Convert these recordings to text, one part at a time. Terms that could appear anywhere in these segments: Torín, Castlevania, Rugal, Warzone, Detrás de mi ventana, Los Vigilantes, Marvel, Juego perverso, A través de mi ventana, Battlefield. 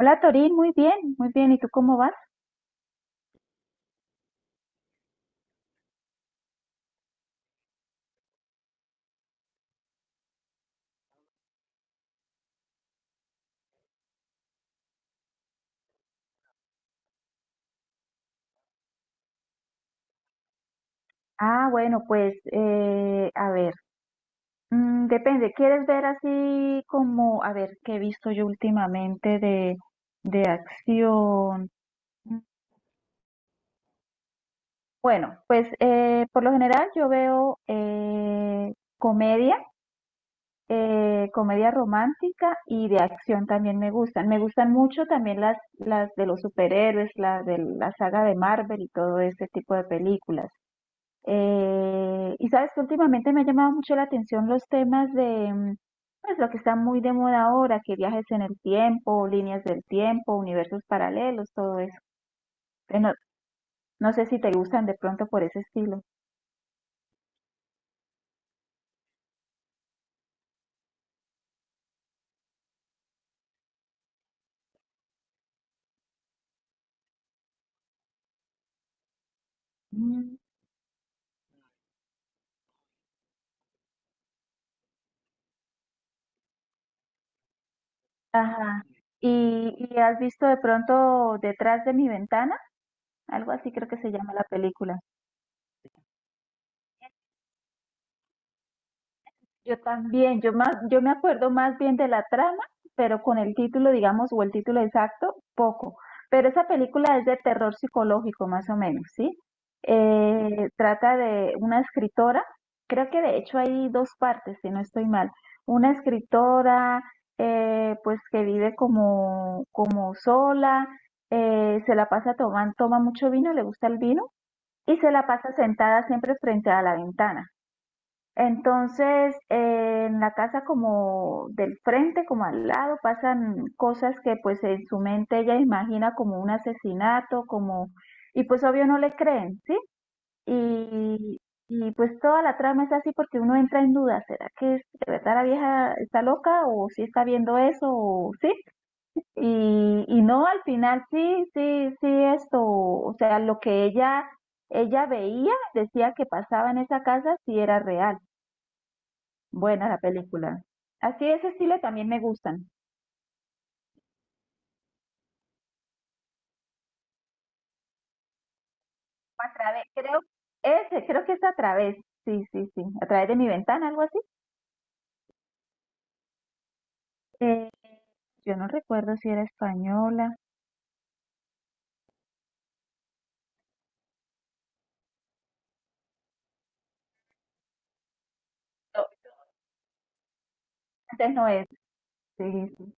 Hola Torín, muy bien, muy bien. ¿Y tú cómo vas? Ah, bueno, pues a ver, depende. ¿Quieres ver así como, a ver, qué he visto yo últimamente de acción? Mm, Bueno, pues por lo general yo veo comedia. Comedia romántica y de acción también me gustan. Me gustan mucho también las de los superhéroes, las de la saga de Marvel y todo ese tipo de películas. Y sabes que últimamente me ha llamado mucho la atención los temas de, pues lo que está muy de moda ahora, que viajes en el tiempo, líneas del tiempo, universos paralelos, todo eso. No, no sé si te gustan de pronto por ese estilo. Mm. Ajá. ¿Y has visto de pronto detrás de mi ventana? Algo así creo que se llama la película. Yo también, yo más, yo me acuerdo más bien de la trama, pero con el título, digamos, o el título exacto, poco. Pero esa película es de terror psicológico, más o menos, ¿sí? Trata de una escritora, creo que de hecho hay dos partes, si no estoy mal. Una escritora, pues que vive como, como sola, se la pasa tomando, toma mucho vino, le gusta el vino, y se la pasa sentada siempre frente a la ventana. Entonces, en la casa como del frente, como al lado, pasan cosas que pues en su mente ella imagina como un asesinato, como, y pues obvio no le creen, ¿sí? Y, y pues toda la trama es así porque uno entra en duda, ¿será que es, de verdad la vieja está loca o sí está viendo eso o sí? Y no, al final sí, sí, sí, esto, o sea, lo que ella veía, decía que pasaba en esa casa, sí era real. Buena la película. Así de ese estilo también me gustan. A través, creo, ese, creo que es a través, sí, sí, sí, a través de mi ventana, algo así. Eh, yo no recuerdo si era española. No, antes no es, sí, sí, sí,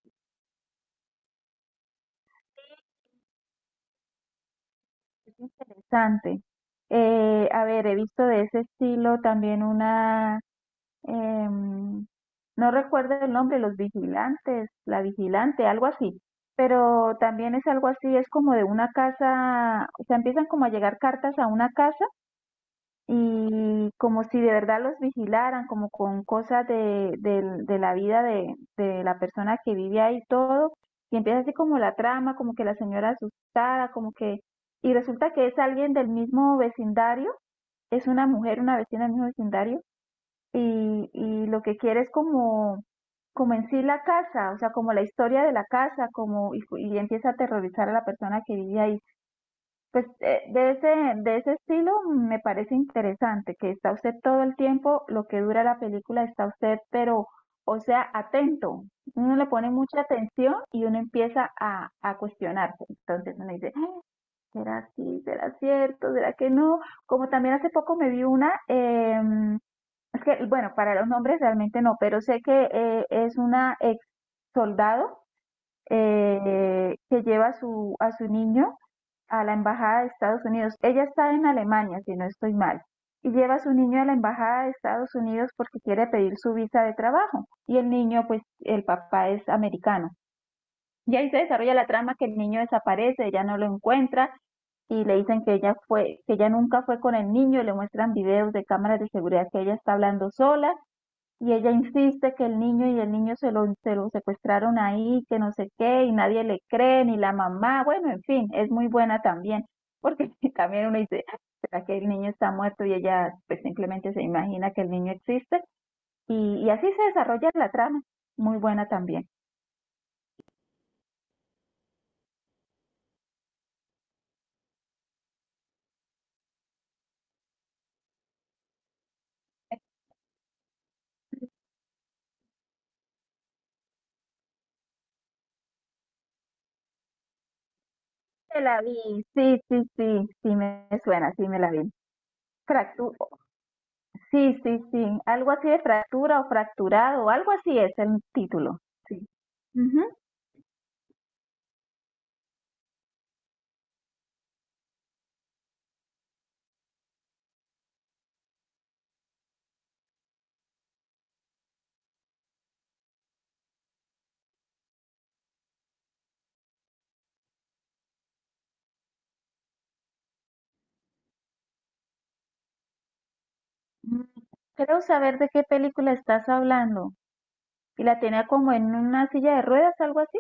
es interesante. A ver, he visto de ese estilo también una, em, no recuerdo el nombre, Los Vigilantes, La Vigilante, algo así. Pero también es algo así, es como de una casa, o sea, empiezan como a llegar cartas a una casa y como si de verdad los vigilaran, como con cosas de, del- de la vida de la persona que vive ahí y todo, y empieza así como la trama, como que la señora asustada, como que, y resulta que es alguien del mismo vecindario, es una mujer, una vecina del mismo vecindario, y lo que quiere es como, como en sí la casa, o sea, como la historia de la casa, como, y empieza a aterrorizar a la persona que vive ahí. Pues de ese estilo me parece interesante, que está usted todo el tiempo, lo que dura la película está usted, pero, o sea, atento. Uno le pone mucha atención y uno empieza a cuestionarse. Entonces uno dice, "Ah, ¿será así? ¿Será cierto? ¿Será que no?" Como también hace poco me vi una, es que, bueno, para los nombres realmente no, pero sé que es una ex soldado que lleva a su niño a la embajada de Estados Unidos. Ella está en Alemania, si no estoy mal, y lleva a su niño a la embajada de Estados Unidos porque quiere pedir su visa de trabajo. Y el niño, pues el papá es americano. Y ahí se desarrolla la trama que el niño desaparece, ella no lo encuentra y le dicen que ella fue, que ella nunca fue con el niño, le muestran videos de cámaras de seguridad que ella está hablando sola y ella insiste que el niño y el niño se lo secuestraron ahí, que no sé qué, y nadie le cree, ni la mamá, bueno, en fin, es muy buena también, porque también uno dice, "Ay, ¿será que el niño está muerto?" Y ella pues simplemente se imagina que el niño existe, y así se desarrolla la trama, muy buena también. Me la vi, sí, sí, sí, sí me suena, sí me la vi. Fractu sí, sí, sí, algo así de fractura o fracturado, algo así es el título, sí. Ujú. Mm. Creo saber de qué película estás hablando. Y la tenía como en una silla de ruedas, algo así.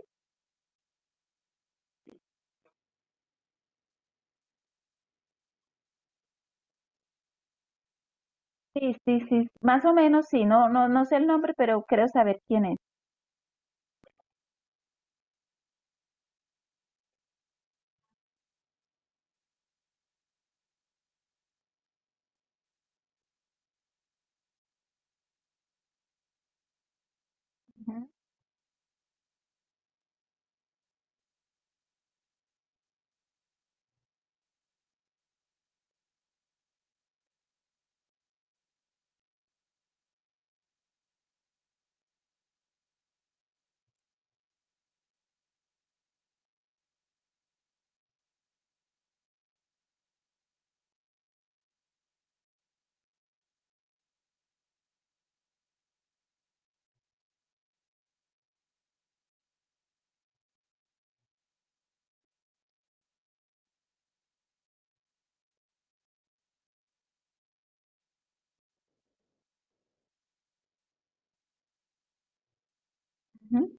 Sí, sí, sí. Más o menos, sí. No, no, no sé el nombre, pero creo saber quién es. Ujú, ujú.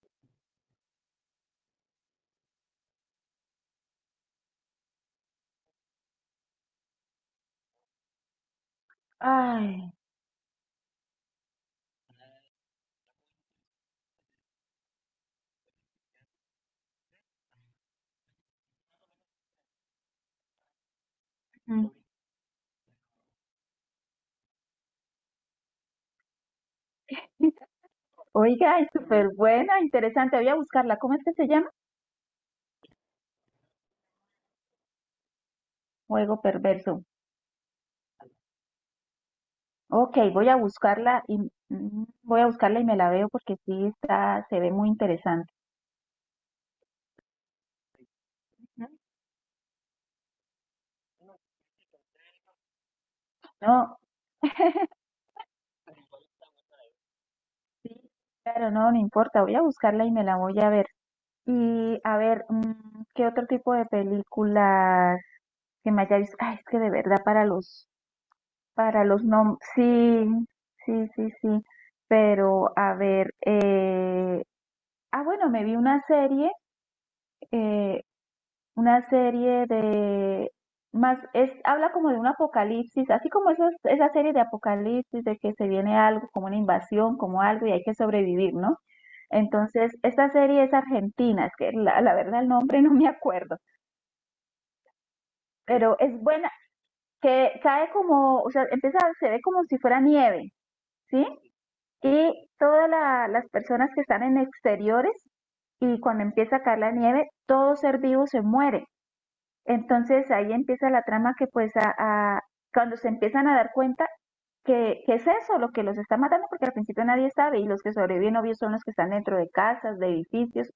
Ay. Mm. Oiga, es súper buena, interesante. Voy a buscarla. ¿Cómo es que se llama? Juego perverso. Ok, voy a buscarla y voy a buscarla y me la veo porque sí está, se ve muy interesante. Ujú. No, sí, claro, no, no importa. Voy a buscarla y me la voy a ver. Y a ver, ¿qué otro tipo de películas que me haya visto? Ay, es que de verdad para los nombres, sí, sí, sí, sí. Pero a ver, ah, bueno, me vi eh, una serie de más, es, habla como de un apocalipsis, así como esas, esa serie de apocalipsis, de que se viene algo, como una invasión, como algo, y hay que sobrevivir, ¿no? Entonces, esta serie es argentina, es que la verdad el nombre no me acuerdo pero es buena, que cae como, o sea, empieza, se ve como si fuera nieve, ¿sí? Y todas la- las personas que están en exteriores y cuando empieza a caer la nieve, todo ser vivo se muere. Entonces ahí empieza la trama que pues a- cuando se empiezan a dar cuenta que es eso lo que los está matando, porque al principio nadie sabe y los que sobreviven obvio son los que están dentro de casas, de edificios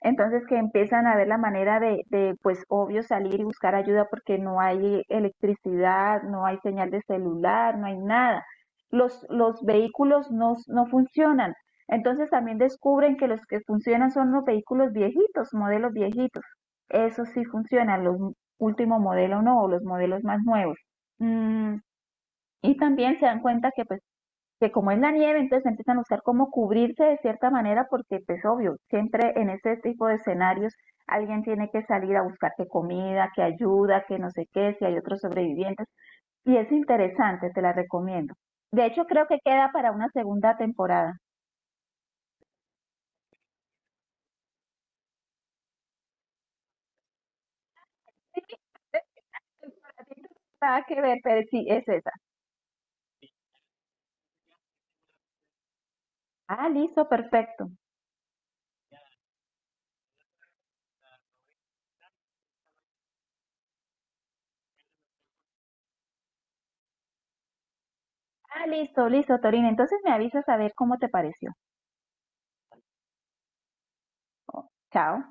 entonces que empiezan a ver la manera de, pues obvio salir y buscar ayuda porque no hay electricidad, no hay señal de celular, no hay nada. Los vehículos no, no funcionan. Entonces también descubren que los que funcionan son los vehículos viejitos, modelos viejitos. Eso sí funcionan, los último modelo no, o los modelos más nuevos. Mm, y también se dan cuenta que pues que como es la nieve, entonces empiezan a buscar cómo cubrirse de cierta manera, porque pues obvio, siempre en este tipo de escenarios alguien tiene que salir a buscar que comida, que ayuda, que no sé qué, si hay otros sobrevivientes, y es interesante, te la recomiendo. De hecho, creo que queda para una segunda temporada. Sí, nada que ver, pero sí, es esa. Ah, listo, perfecto. Ah, listo, listo, Torina. Entonces me avisas a ver cómo te pareció. Oh, chao.